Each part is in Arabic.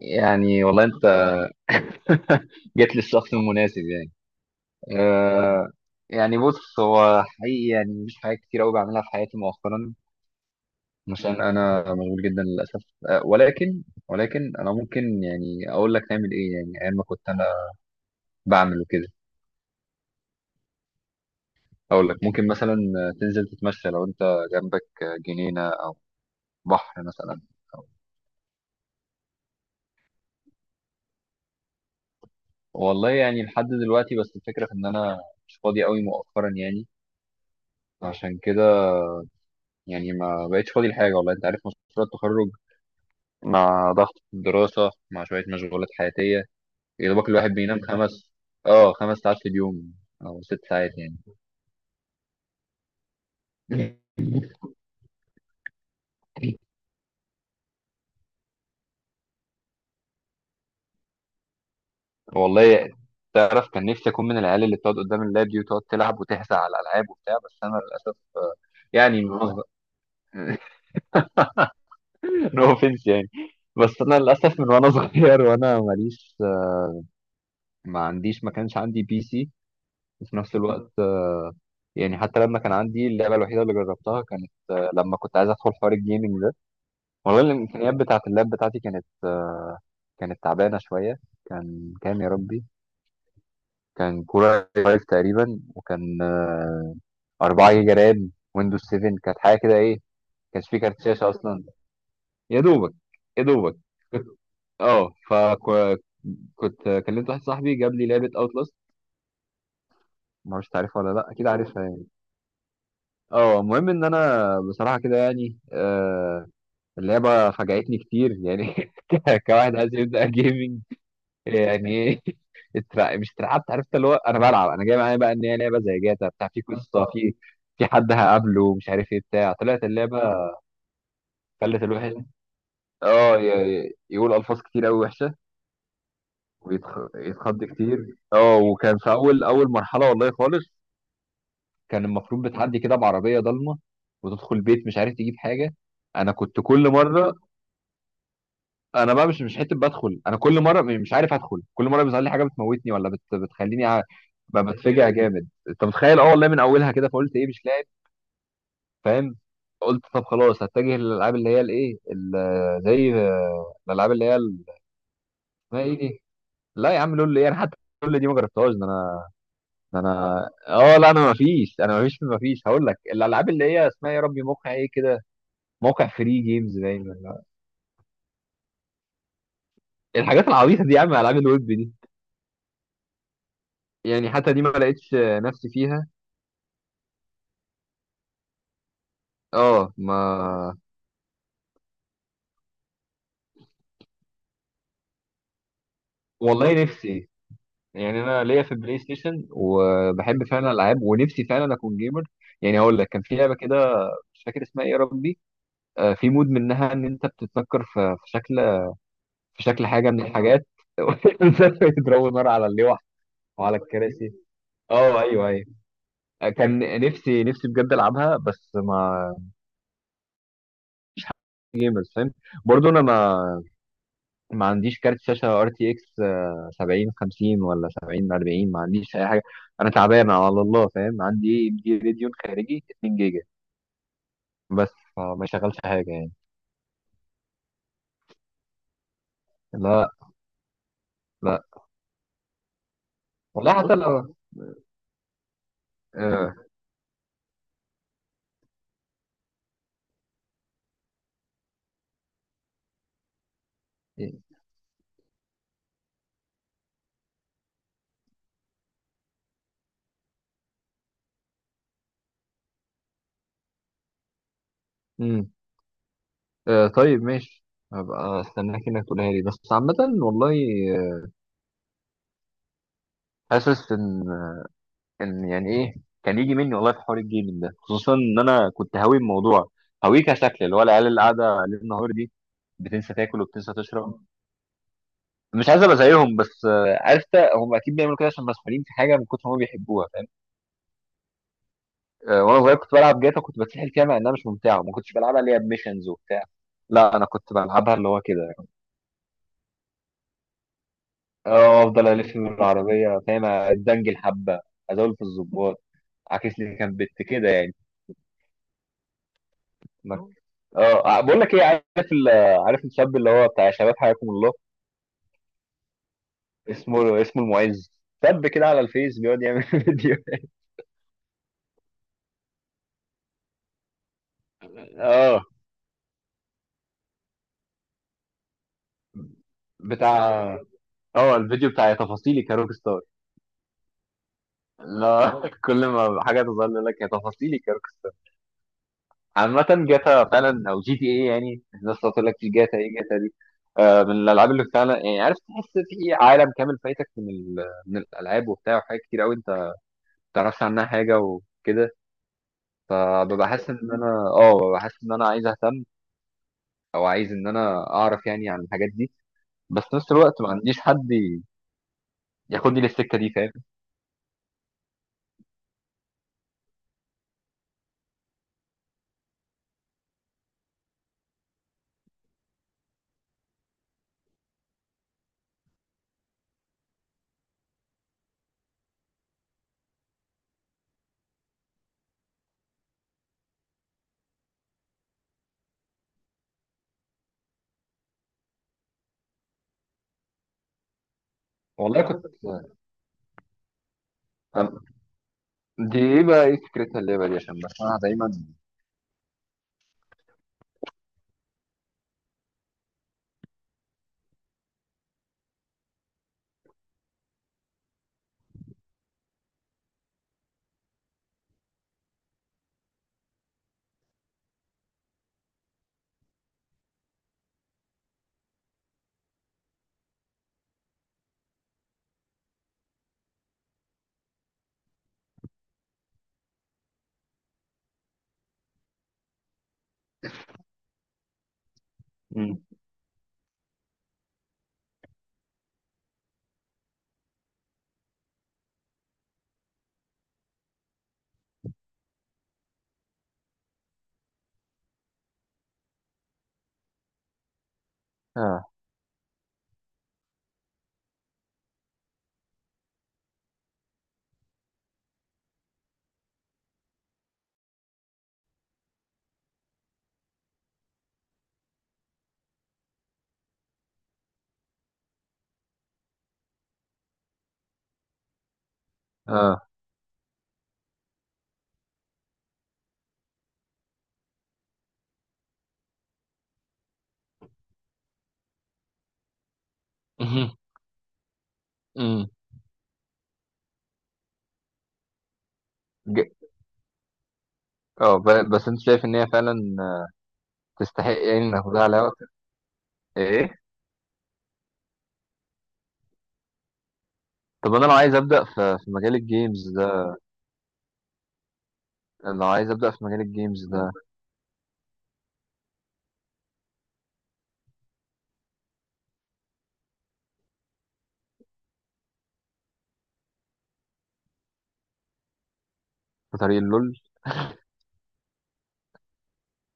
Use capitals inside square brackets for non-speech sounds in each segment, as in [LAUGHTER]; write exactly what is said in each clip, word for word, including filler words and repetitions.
يعني والله انت [LAUGHS] جيت للشخص المناسب يعني. آه، يعني بص، هو حقيقي يعني مش حاجات كتير قوي بعملها في حياتي مؤخرا، عشان انا مشغول جدا للاسف. آه ولكن ولكن انا ممكن يعني اقول لك نعمل ايه، يعني ايام ما كنت انا بعمل وكده. اقول لك ممكن مثلا تنزل تتمشى، لو انت جنبك جنينة، بحر مثلا. والله يعني لحد دلوقتي، بس الفكرة في ان انا مش فاضي قوي مؤخرا يعني. عشان كده يعني ما بقتش فاضي لحاجة، والله انت عارف مشروع التخرج، مع ضغط الدراسة، مع شوية مشغولات حياتية. يا دوبك الواحد بينام خمس اه خمس ساعات في اليوم، أو ست ساعات يعني. [LAUGHS] والله، تعرف كان نفسي أكون من العيال اللي بتقعد قدام اللاب دي، وتقعد تلعب وتهزأ على الألعاب وبتاع، بس أنا للأسف آه، يعني نو أوفنس. [LAUGHS] يعني بس أنا للأسف من وأنا صغير وأنا ماليش، آه، ما عنديش ما كانش عندي بي سي. وفي نفس الوقت، آه، يعني حتى لما كان عندي، اللعبة الوحيدة اللي جربتها كانت، آه، لما كنت عايز أدخل حوار الجيمنج. والله الامكانيات بتاعه اللاب بتاعتي كانت آه، كانت تعبانه شويه. كان كام يا ربي؟ كان كوره فايف تقريبا، وكان آه، أربعة جيجا رام، ويندوز سبعة، كانت حاجه كده ايه. كانش فيه كارت شاشه اصلا، يا دوبك يا دوبك كنت، اه فكنت كلمت واحد صاحبي، جاب لي لعبه اوتلاست. ما اعرفش تعرفها ولا لا، اكيد عارفها يعني. اه، المهم ان انا بصراحه كده يعني، آه اللعبه فاجأتني كتير يعني. [LAUGHS] ك- كواحد عايز يبدأ جيمنج يعني. [LAUGHS] اترع- مش اترعبت. عرفت اللي هو انا بلعب، انا جاي معايا بقى ان هي لعبه زي جاتا بتاع، في قصه، في في حد هقابله، مش عارف ايه بتاع. طلعت اللعبه خلت الواحد، اه ي- ي- يقول الفاظ كتير قوي وحشه، ويتخض كتير. اه، وكان في اول اول مرحله، والله خالص كان المفروض بتعدي كده بعربيه ضلمه، وتدخل بيت مش عارف تجيب حاجه. انا كنت كل مره، انا بقى مش مش حته بدخل، انا كل مره م- مش عارف ادخل، كل مره بيظهر لي حاجه بتموتني، ولا بت... بتخليني ع- ب- بتفجع جامد، انت متخيل. اه والله من اولها كده، فقلت ايه مش لاعب، فاهم. قلت طب خلاص هتجه للالعاب اللي هي الايه، ال- زي آه، الالعاب اللي هي ال- اسمها ايه دي. لا يا عم، لول ايه، انا حتى لول دي ما جربتهاش. ده انا ده انا اه لا، انا ما فيش انا ما فيش ما فيش، هقول لك الالعاب اللي هي اسمها يا ربي موقع ايه كده، موقع فري جيمز باين ولا- الحاجات العبيطه دي يا عم، العاب الويب دي. يعني حتى دي ما لقيتش آه، نفسي فيها. اه ما، والله نفسي، يعني انا ليا في البلاي ستيشن، وبحب فعلا الالعاب، ونفسي فعلا اكون جيمر. يعني هقول لك، كان في لعبه كده مش فاكر اسمها ايه يا ربي، آه، في مود منها ان انت بتتنكر في في شكل، في شكل حاجه من الحاجات. [LAUGHS] يضربوا نار على اللوح، وعلى الكراسي. اه ايوه ايوه. آه، كان نفسي نفسي بجد العبها، بس ما فاهم. برضه انا ما ما عنديش كارت شاشة ار تي اكس سبعين خمسين ولا سبعين أربعين، ما عنديش اي حاجة. انا تعبان على الله فاهم، عندي ام دي راديون خارجي اتنين جيجا، بس فما يشغلش حاجة يعني. لا، لا. والله حتى لو. آه. إيه، مم. آه. طيب ماشي، هبقى استناك انك تقولها لي، بس عامة والله، آه، حاسس ان، ان يعني ايه، كان يجي مني والله في حوار الجيمنج ده، خصوصا ان انا كنت هاوي الموضوع، هاويه كشكل اللي هو العيال اللي قاعده ليل نهار دي، بتنسى تاكل وبتنسى تشرب. مش عايز ابقى زيهم، بس آه، عارف إنت، هم اكيد بيعملوا كده عشان مسحولين في حاجه من كتر ما هم بيحبوها، فاهم. آه، وانا صغير كنت بلعب جاتا، كنت بتسحل فيها، مع انها مش ممتعه، ما كنتش بلعبها اللي هي بميشنز وبتاع. لا، انا كنت بلعبها اللي هو كده يعني. اه، افضل الف من العربيه، فاهم، ادنجل حبه، ازول في الظباط، عاكس لي كان بت كده يعني. ما- اه ع- بقول لك ايه، عارف ال- عارف الشاب اللي هو بتاع شباب حياكم الله، اسمه اسمه المعز. شاب كده على الفيس، بيقعد يعمل [LAUGHS] فيديو اه بتاع، اه الفيديو بتاع يا تفاصيلي كروك ستار. لا، [LAUGHS] اه، كل ما حاجه تظهر لي يقول لك يا تفاصيلي كروك ستار. عامه جاتا فعلا، او جي تي اي، يعني الناس تقول لك في جاتا، ايه جاتا دي؟ آه من الالعاب اللي فعلا يعني عارف تحس في عالم كامل فايتك، من ال- من الالعاب وبتاع، وحاجات كتير قوي انت ما تعرفش عنها حاجه وكده. فببقى حاسس ان انا اه ببقى حاسس ان انا عايز اهتم، او عايز ان انا اعرف يعني عن الحاجات دي. بس في نفس الوقت ما عنديش حد ياخدني للسكه دي، فاهم. والله كنت، دي ايه بقى، ايه فكرتها اللعبه دي؟ عشان بسمعها دايما. مم. اه، اه. امم. ج- اه، ب- بس انت شايف ان هي فعلا تستحق يعني، ناخدها على وقت. ايه، طب انا لو عايز ابدا في في مجال الجيمز ده، لو عايز ابدا في مجال الجيمز ده، في طريق اللول.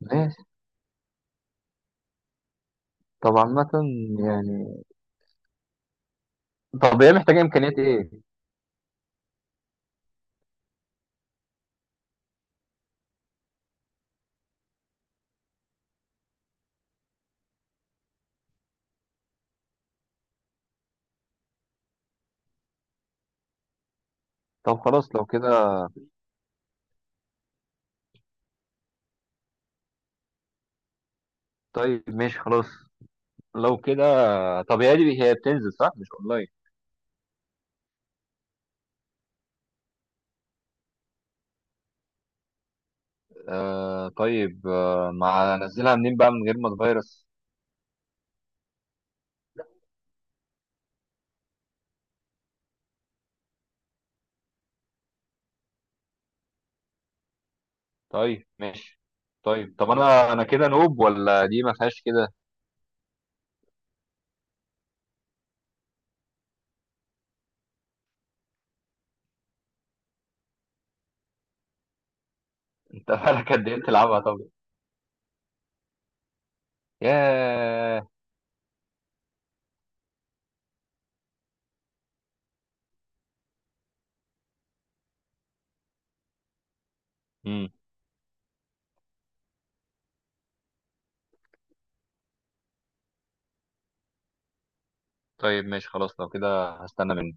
ماشي. طب عامة يعني، طب هي محتاجة امكانيات ايه؟ طب خلاص لو كده. طيب ماشي خلاص لو كده. طب هي دي، هي بتنزل صح مش اونلاين؟ آه طيب، آه مع انزلها منين بقى من غير ما اتفيرس؟ طيب ماشي. طيب، طب انا انا كده نوب ولا دي ما فيهاش كده؟ [LAUGHS] انت بقالك قد ايه بتلعبها طب؟ ياه. امم. طيب ماشي خلاص لو كده، هستنى منك.